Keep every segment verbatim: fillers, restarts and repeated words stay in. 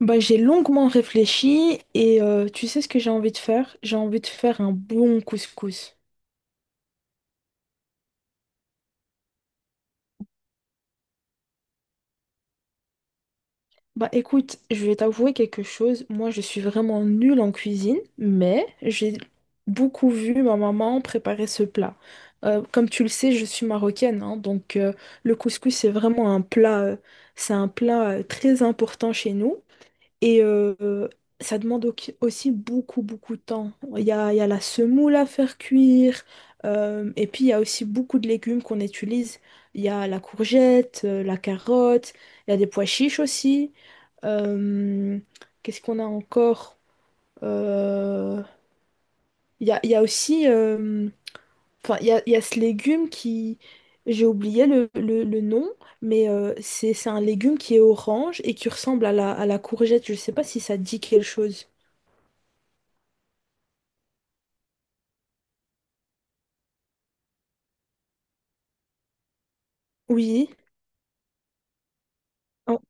Bah, j'ai longuement réfléchi et euh, tu sais ce que j'ai envie de faire? J'ai envie de faire un bon couscous. Bah écoute, je vais t'avouer quelque chose. Moi, je suis vraiment nulle en cuisine, mais j'ai beaucoup vu ma maman préparer ce plat. Euh, comme tu le sais, je suis marocaine, hein, donc euh, le couscous, c'est vraiment un plat, euh, c'est un plat euh, très important chez nous. Et euh, Ça demande au- aussi beaucoup, beaucoup de temps. Il y a, il y a la semoule à faire cuire, euh, et puis il y a aussi beaucoup de légumes qu'on utilise. Il y a la courgette, euh, la carotte, il y a des pois chiches aussi. Euh, Qu'est-ce qu'on a encore? Euh, Il y a, il y a aussi, euh, enfin, il y a, il y a ce légume qui, j'ai oublié le, le- le nom, mais euh, c'est c'est un légume qui est orange et qui ressemble à la, à la courgette. Je ne sais pas si ça dit quelque chose. Oui. Oh,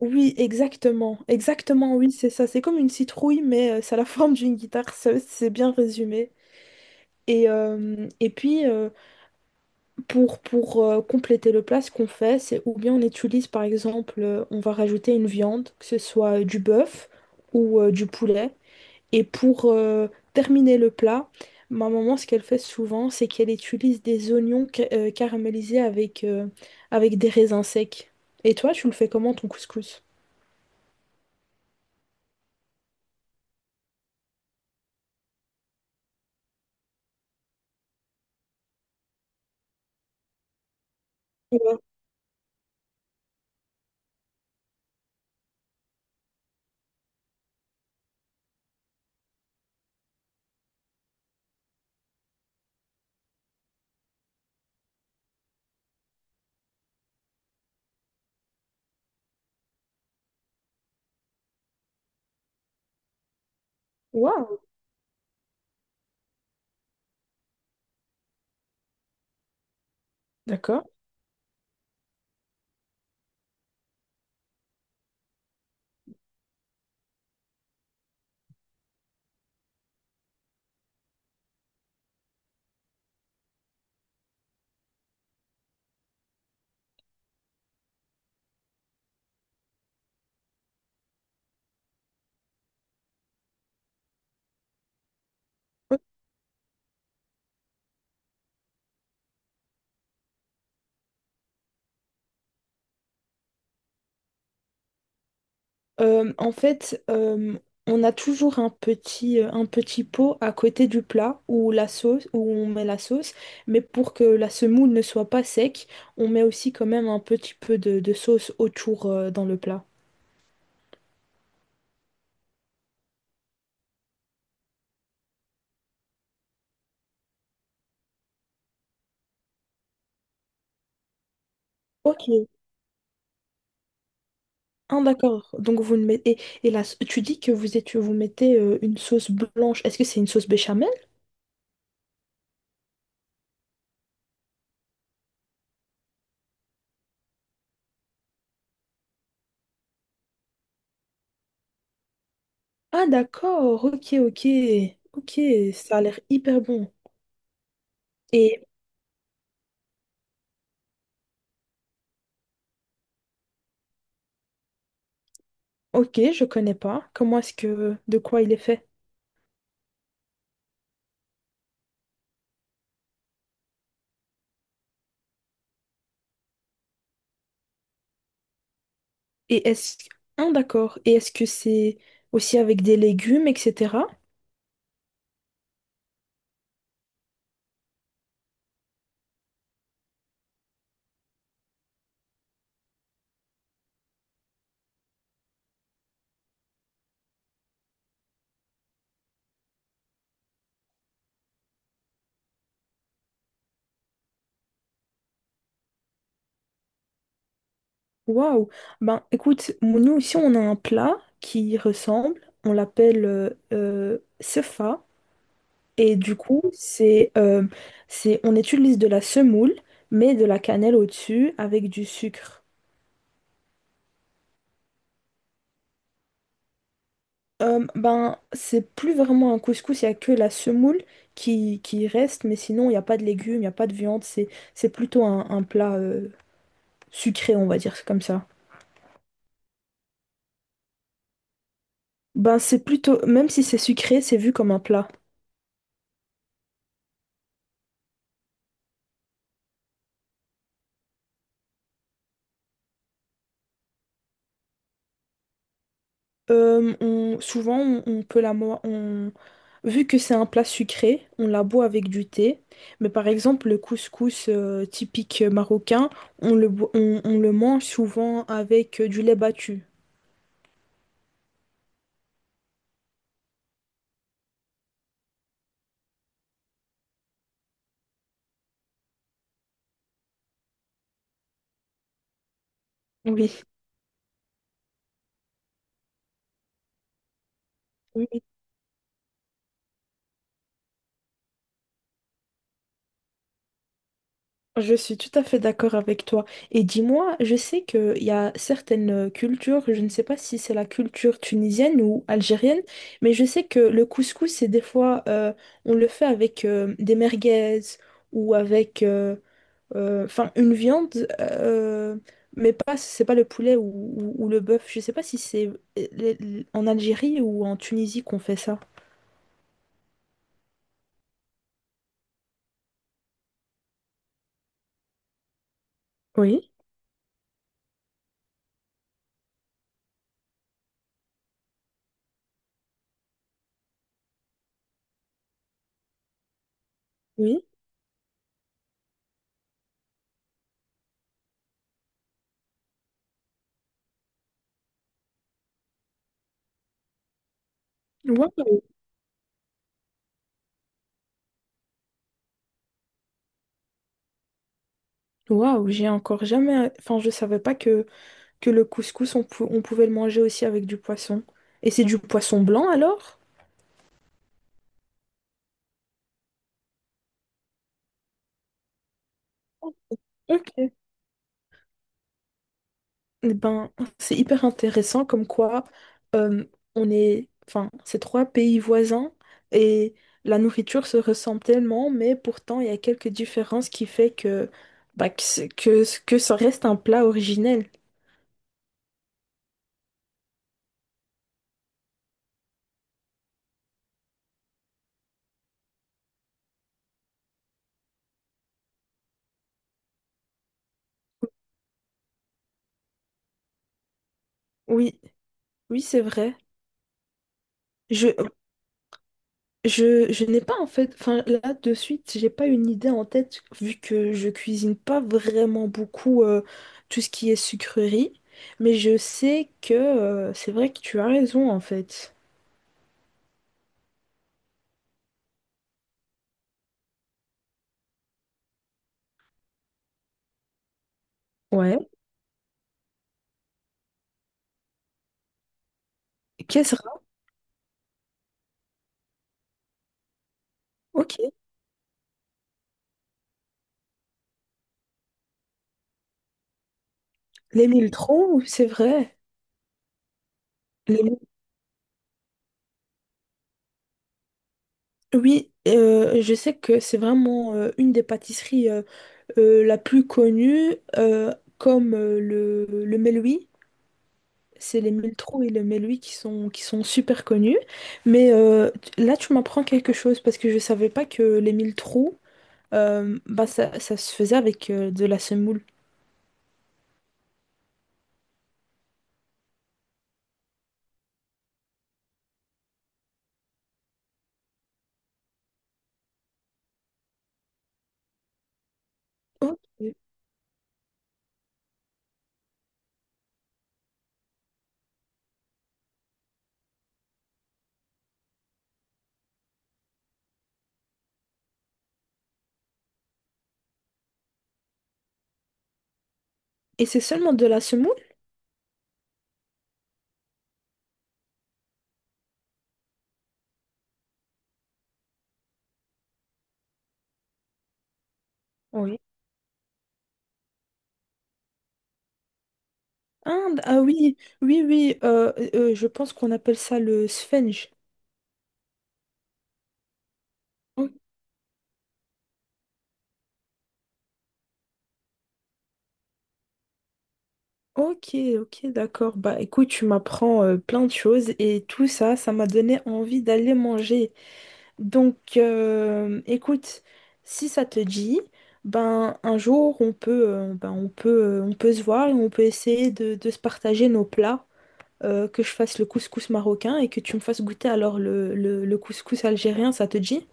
oui, exactement. Exactement, oui, c'est ça. C'est comme une citrouille, mais euh, ça a la forme d'une guitare. ça, C'est bien résumé. Et, euh, et puis, euh, pour, pour euh, compléter le plat, ce qu'on fait, c'est ou bien on utilise, par exemple, euh, on va rajouter une viande, que ce soit euh, du bœuf ou euh, du poulet. Et pour euh, terminer le plat, ma maman, ce qu'elle fait souvent, c'est qu'elle utilise des oignons ca- euh, caramélisés avec, euh, avec des raisins secs. Et toi, tu le fais comment ton couscous? Waouh, d'accord. Euh, en fait, euh, on a toujours un petit, un petit pot à côté du plat où la sauce, où on met la sauce, mais pour que la semoule ne soit pas sec, on met aussi quand même un petit peu de, de sauce autour, euh, dans le plat. Ok. Ah, d'accord. Donc vous ne mettez et, là tu dis que vous êtes vous mettez euh, une sauce blanche. Est-ce que c'est une sauce béchamel? Ah d'accord. Ok ok ok. Ça a l'air hyper bon. Et ok, je connais pas. Comment est-ce que de quoi il est fait? Et est-ce ah d'accord. Et est-ce que c'est aussi avec des légumes, et cætera. Waouh! Ben écoute, mon- nous ici on a un plat qui y ressemble, on l'appelle euh, euh, sefa et du coup c'est euh, c'est on utilise de la semoule mais de la cannelle au-dessus avec du sucre. Euh, ben c'est plus vraiment un couscous, il n'y a que la semoule qui, qui reste mais sinon il n'y a pas de légumes, il n'y a pas de viande, c'est c'est plutôt un, un plat euh, sucré on va dire comme ça. Ben c'est plutôt, même si c'est sucré c'est vu comme un plat. Euh, on- souvent, on, on peut la, mo- on, vu que c'est un plat sucré, on la boit avec du thé. Mais par exemple, le couscous euh, typique marocain, on le, bo- on, on le mange souvent avec euh, du lait battu. Oui. Oui, je suis tout à fait d'accord avec toi. Et dis-moi, je sais qu'il y a certaines euh, cultures, je ne sais pas si c'est la culture tunisienne ou algérienne, mais je sais que le couscous, c'est des fois, euh, on le fait avec euh, des merguez ou avec euh, euh, enfin une viande, euh, mais pas, c'est pas le poulet ou, ou- ou le bœuf. Je sais pas si c'est euh, les- les- en Algérie ou en Tunisie qu'on fait ça. Oui, oui. Waouh, waouh, j'ai encore jamais. Enfin, je savais pas que, que le couscous, on, pou- on pouvait le manger aussi avec du poisson. Et c'est du poisson blanc alors? Ok. Eh ben, c'est hyper intéressant comme quoi euh, on est, enfin, ces trois pays voisins et la nourriture se ressemble tellement, mais pourtant il y a quelques différences qui fait que bah, que, c'est- que que ça reste un plat originel. Oui, oui, c'est vrai. Je, je, je n'ai pas en fait, enfin là de suite, j'ai pas une idée en tête vu que je cuisine pas vraiment beaucoup euh, tout ce qui est sucrerie, mais je sais que euh, c'est vrai que tu as raison en fait. Ouais. Kesra, ok. Les mille troncs, c'est vrai. Les mille. Oui, euh, je sais que c'est vraiment euh, une des pâtisseries euh, euh, la plus connue, euh, comme euh, le, le Meloui. C'est les mille troncs et le Meloui qui sont, qui sont super connus. Mais euh, tu- là, tu m'apprends quelque chose parce que je ne savais pas que les mille troncs, euh, bah, ça, ça se faisait avec euh, de la semoule. Ok. Et c'est seulement de la semoule? Inde, ah oui, oui, oui, euh, euh, je pense qu'on appelle ça le sphenge. O- Ok, ok, d'accord. Bah écoute, tu m'apprends euh, plein de choses et tout ça, ça m'a donné envie d'aller manger. Donc euh, écoute, si ça te dit, ben un jour on peut, euh, ben, on peut, euh, on peut se voir et on peut essayer de, de se partager nos plats, euh, que je fasse le couscous marocain et que tu me fasses goûter alors le, le le couscous algérien, ça te dit?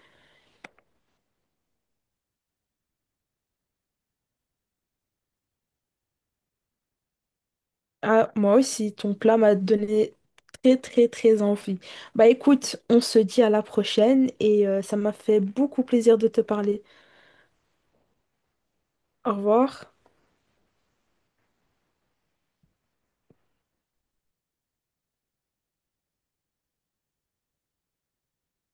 Ah, moi aussi, ton plat m'a donné très très très envie. Bah écoute, on se dit à la prochaine et euh, ça m'a fait beaucoup plaisir de te parler. Au revoir.